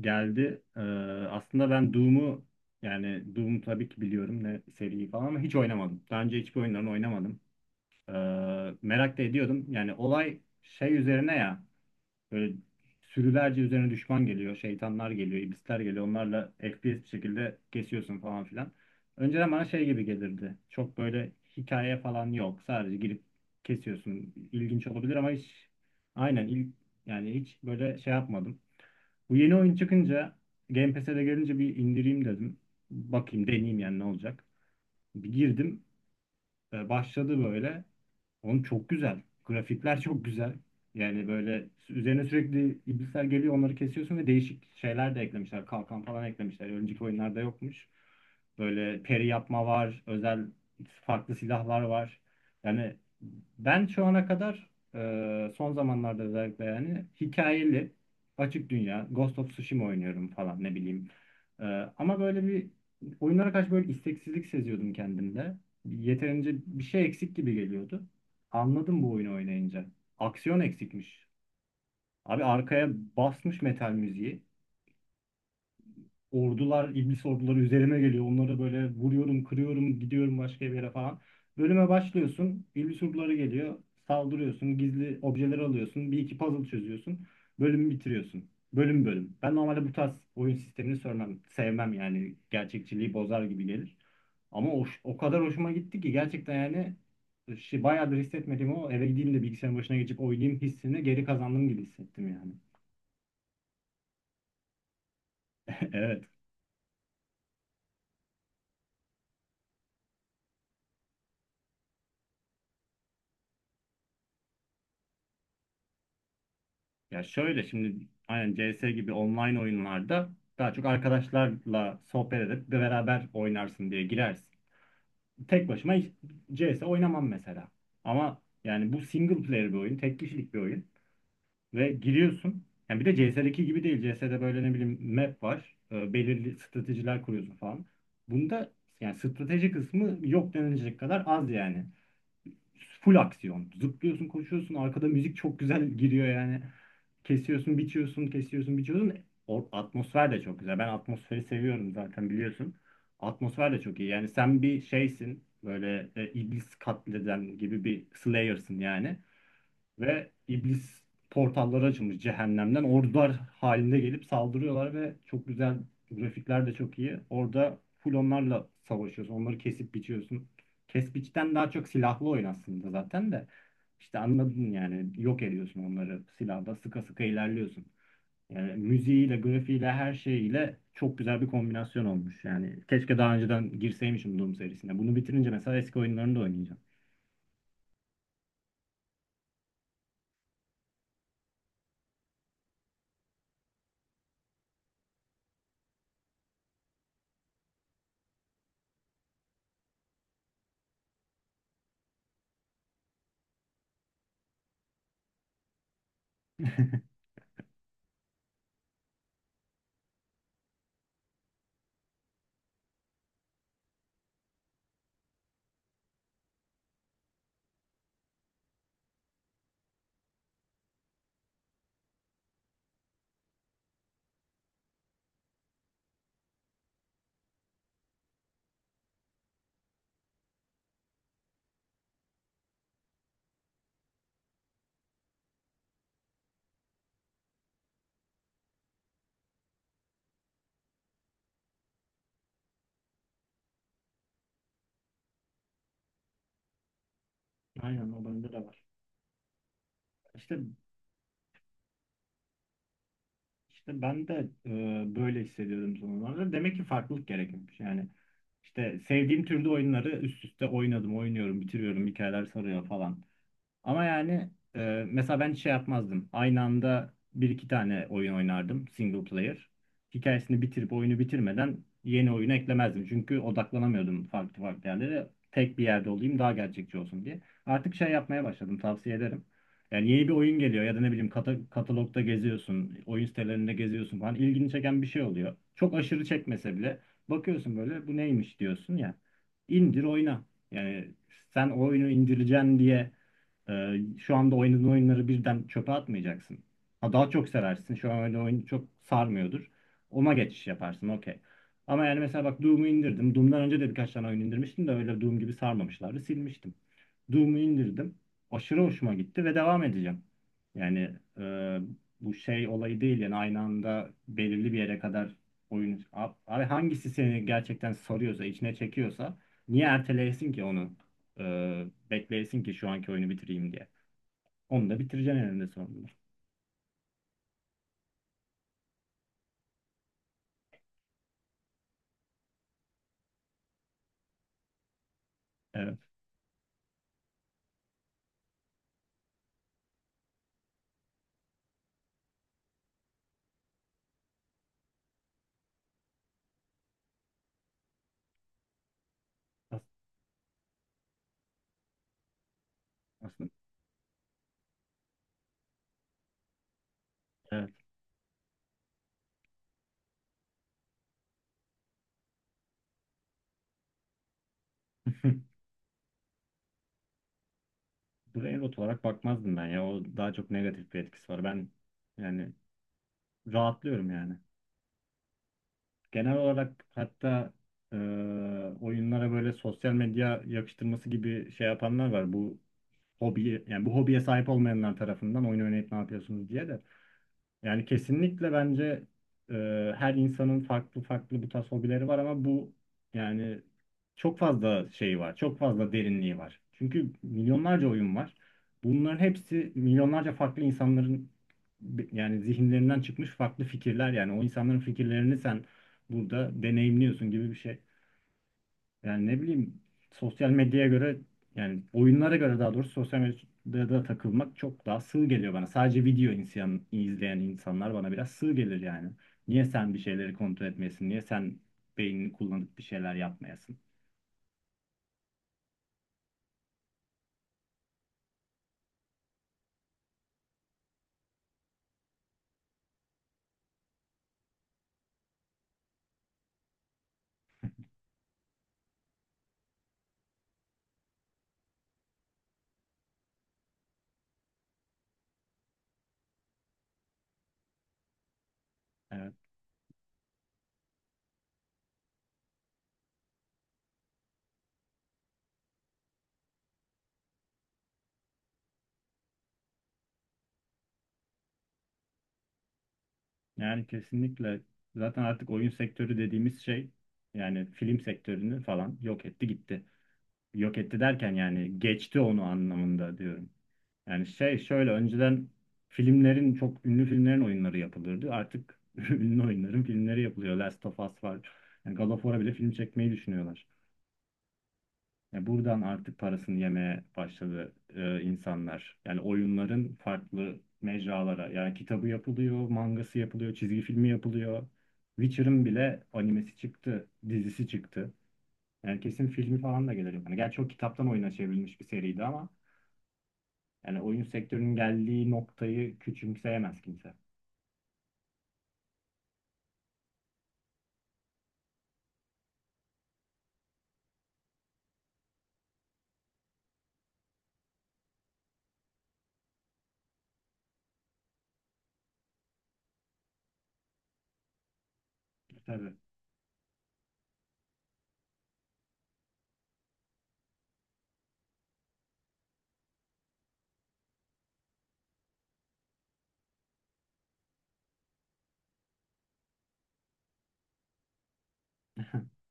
Geldi. Aslında ben Doom'u yani Doom'u tabii ki biliyorum ne seriyi falan ama hiç oynamadım. Daha önce hiçbir oyunlarını oynamadım. Ee, Merak da ediyordum. Yani olay şey üzerine ya böyle sürülerce üzerine düşman geliyor, şeytanlar geliyor, iblisler geliyor. Onlarla FPS bir şekilde kesiyorsun falan filan. Önceden bana şey gibi gelirdi. Çok böyle hikaye falan yok. Sadece girip kesiyorsun. İlginç olabilir ama hiç aynen il, yani hiç böyle şey yapmadım. Bu yeni oyun çıkınca Game Pass'e de gelince bir indireyim dedim. Bakayım deneyeyim yani ne olacak. Bir girdim başladı böyle. Oğlum çok güzel. Grafikler çok güzel. Yani böyle üzerine sürekli iblisler geliyor onları kesiyorsun ve değişik şeyler de eklemişler. Kalkan falan eklemişler. Önceki oyunlarda yokmuş. Böyle peri yapma var. Özel farklı silahlar var. Yani ben şu ana kadar son zamanlarda özellikle yani hikayeli açık dünya Ghost of Tsushima oynuyorum falan ne bileyim. E, Ama böyle bir oyunlara karşı böyle isteksizlik seziyordum kendimde. Yeterince bir şey eksik gibi geliyordu. Anladım bu oyunu oynayınca. Aksiyon eksikmiş. Abi arkaya basmış metal müziği. Ordular, iblis orduları üzerime geliyor. Onları böyle vuruyorum, kırıyorum, gidiyorum başka bir yere falan. Bölüme başlıyorsun. İblis orduları geliyor. Saldırıyorsun. Gizli objeler alıyorsun. Bir iki puzzle çözüyorsun. Bölümü bitiriyorsun. Bölüm bölüm. Ben normalde bu tarz oyun sistemini sevmem. Sevmem yani. Gerçekçiliği bozar gibi gelir. Ama o kadar hoşuma gitti ki gerçekten yani şey, bayağıdır hissetmediğim o eve gideyim de bilgisayarın başına geçip oynayayım hissini geri kazandım gibi hissettim yani. Evet. Ya şöyle şimdi aynen CS gibi online oyunlarda daha çok arkadaşlarla sohbet edip de beraber oynarsın diye girersin. Tek başıma hiç CS oynamam mesela. Ama yani bu single player bir oyun, tek kişilik bir oyun. Ve giriyorsun. Yani bir de CS'deki gibi değil. CS'de böyle ne bileyim map var. Belirli stratejiler kuruyorsun falan. Bunda yani strateji kısmı yok denilecek kadar az yani. Full aksiyon. Zıplıyorsun, koşuyorsun. Arkada müzik çok güzel giriyor yani. Kesiyorsun, biçiyorsun, kesiyorsun, biçiyorsun. Atmosfer de çok güzel. Ben atmosferi seviyorum zaten biliyorsun. Atmosfer de çok iyi. Yani sen bir şeysin. Böyle iblis katleden gibi bir slayer'sın yani ve iblis portalları açılmış cehennemden. Ordular halinde gelip saldırıyorlar ve çok güzel grafikler de çok iyi. Orada full onlarla savaşıyorsun. Onları kesip biçiyorsun. Kes biçten daha çok silahlı oyun aslında zaten de. İşte anladın yani yok ediyorsun onları silahla sıka sıka ilerliyorsun. Yani müziğiyle, grafiğiyle, her şeyiyle çok güzel bir kombinasyon olmuş. Yani keşke daha önceden girseymişim Doom serisine. Bunu bitirince mesela eski oyunlarını da oynayacağım. Aynen o bende de var. İşte İşte ben de böyle hissediyordum son zamanlarda. Demek ki farklılık gerekmiş. Yani işte sevdiğim türde oyunları üst üste oynadım, oynuyorum, bitiriyorum, hikayeler sarıyor falan. Ama yani mesela ben hiç şey yapmazdım. Aynı anda bir iki tane oyun oynardım single player. Hikayesini bitirip oyunu bitirmeden yeni oyunu eklemezdim. Çünkü odaklanamıyordum farklı farklı yerlere. Tek bir yerde olayım daha gerçekçi olsun diye. Artık şey yapmaya başladım tavsiye ederim. Yani yeni bir oyun geliyor ya da ne bileyim katalogda geziyorsun, oyun sitelerinde geziyorsun falan ilgini çeken bir şey oluyor. Çok aşırı çekmese bile bakıyorsun böyle bu neymiş diyorsun ya. İndir oyna. Yani sen o oyunu indireceksin diye şu anda oynadığın oyunları birden çöpe atmayacaksın. Ha, daha çok seversin. Şu an öyle oyun çok sarmıyordur. Ona geçiş yaparsın. Okey. Ama yani mesela bak Doom'u indirdim. Doom'dan önce de birkaç tane oyun indirmiştim de öyle Doom gibi sarmamışlardı. Silmiştim. Doom'u indirdim. Aşırı hoşuma gitti ve devam edeceğim. Yani e, bu şey olayı değil yani aynı anda belirli bir yere kadar oyun... Abi hangisi seni gerçekten sarıyorsa, içine çekiyorsa niye erteleyesin ki onu? Bekleyesin ki şu anki oyunu bitireyim diye. Onu da bitireceksin eninde sonunda. Evet. As- aslında. Evet. Buraya rot olarak bakmazdım ben ya. O daha çok negatif bir etkisi var. Ben yani rahatlıyorum yani. Genel olarak hatta e, oyunlara böyle sosyal medya yakıştırması gibi şey yapanlar var. Bu hobi yani bu hobiye sahip olmayanlar tarafından oyun oynayıp ne yapıyorsunuz diye de. Yani kesinlikle bence e, her insanın farklı farklı bu tarz hobileri var ama bu yani çok fazla şey var, çok fazla derinliği var. Çünkü milyonlarca oyun var. Bunların hepsi milyonlarca farklı insanların yani zihinlerinden çıkmış farklı fikirler yani o insanların fikirlerini sen burada deneyimliyorsun gibi bir şey. Yani ne bileyim sosyal medyaya göre yani oyunlara göre daha doğrusu sosyal medyada takılmak çok daha sığ geliyor bana. Sadece video insan, izleyen insanlar bana biraz sığ gelir yani. Niye sen bir şeyleri kontrol etmeyesin? Niye sen beynini kullanıp bir şeyler yapmayasın? Evet. Yani kesinlikle zaten artık oyun sektörü dediğimiz şey yani film sektörünü falan yok etti gitti. Yok etti derken yani geçti onu anlamında diyorum. Yani şey şöyle önceden filmlerin çok ünlü filmlerin oyunları yapılırdı. Artık ünlü oyunların filmleri yapılıyor. Last of Us var. Yani God of War'a bile film çekmeyi düşünüyorlar. Yani buradan artık parasını yemeye başladı insanlar. Yani oyunların farklı mecralara. Yani kitabı yapılıyor, mangası yapılıyor, çizgi filmi yapılıyor. Witcher'ın bile animesi çıktı, dizisi çıktı. Yani kesin filmi falan da gelir. Yani gerçi o kitaptan oyuna çevrilmiş bir seriydi ama yani oyun sektörünün geldiği noktayı küçümseyemez kimse. Tabii.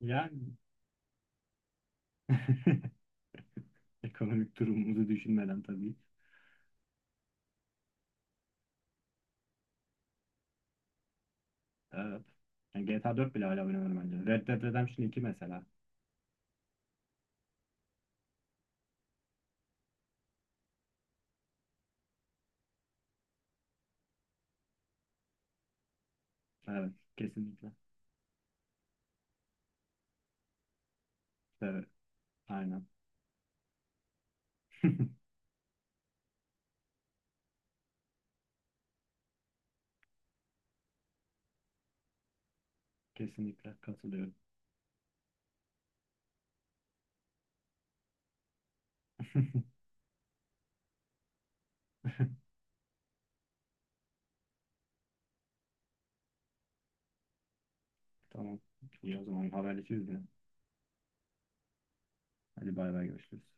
Yani ekonomik durumumuzu düşünmeden tabii. Evet. Yani GTA 4 bile hala oynanır bence. Red Dead Redemption iki mesela. Evet, kesinlikle. Evet, aynen. Kesinlikle katılıyorum. Tamam. İyi o zaman haberleşiriz yine. Hadi bay bay görüşürüz.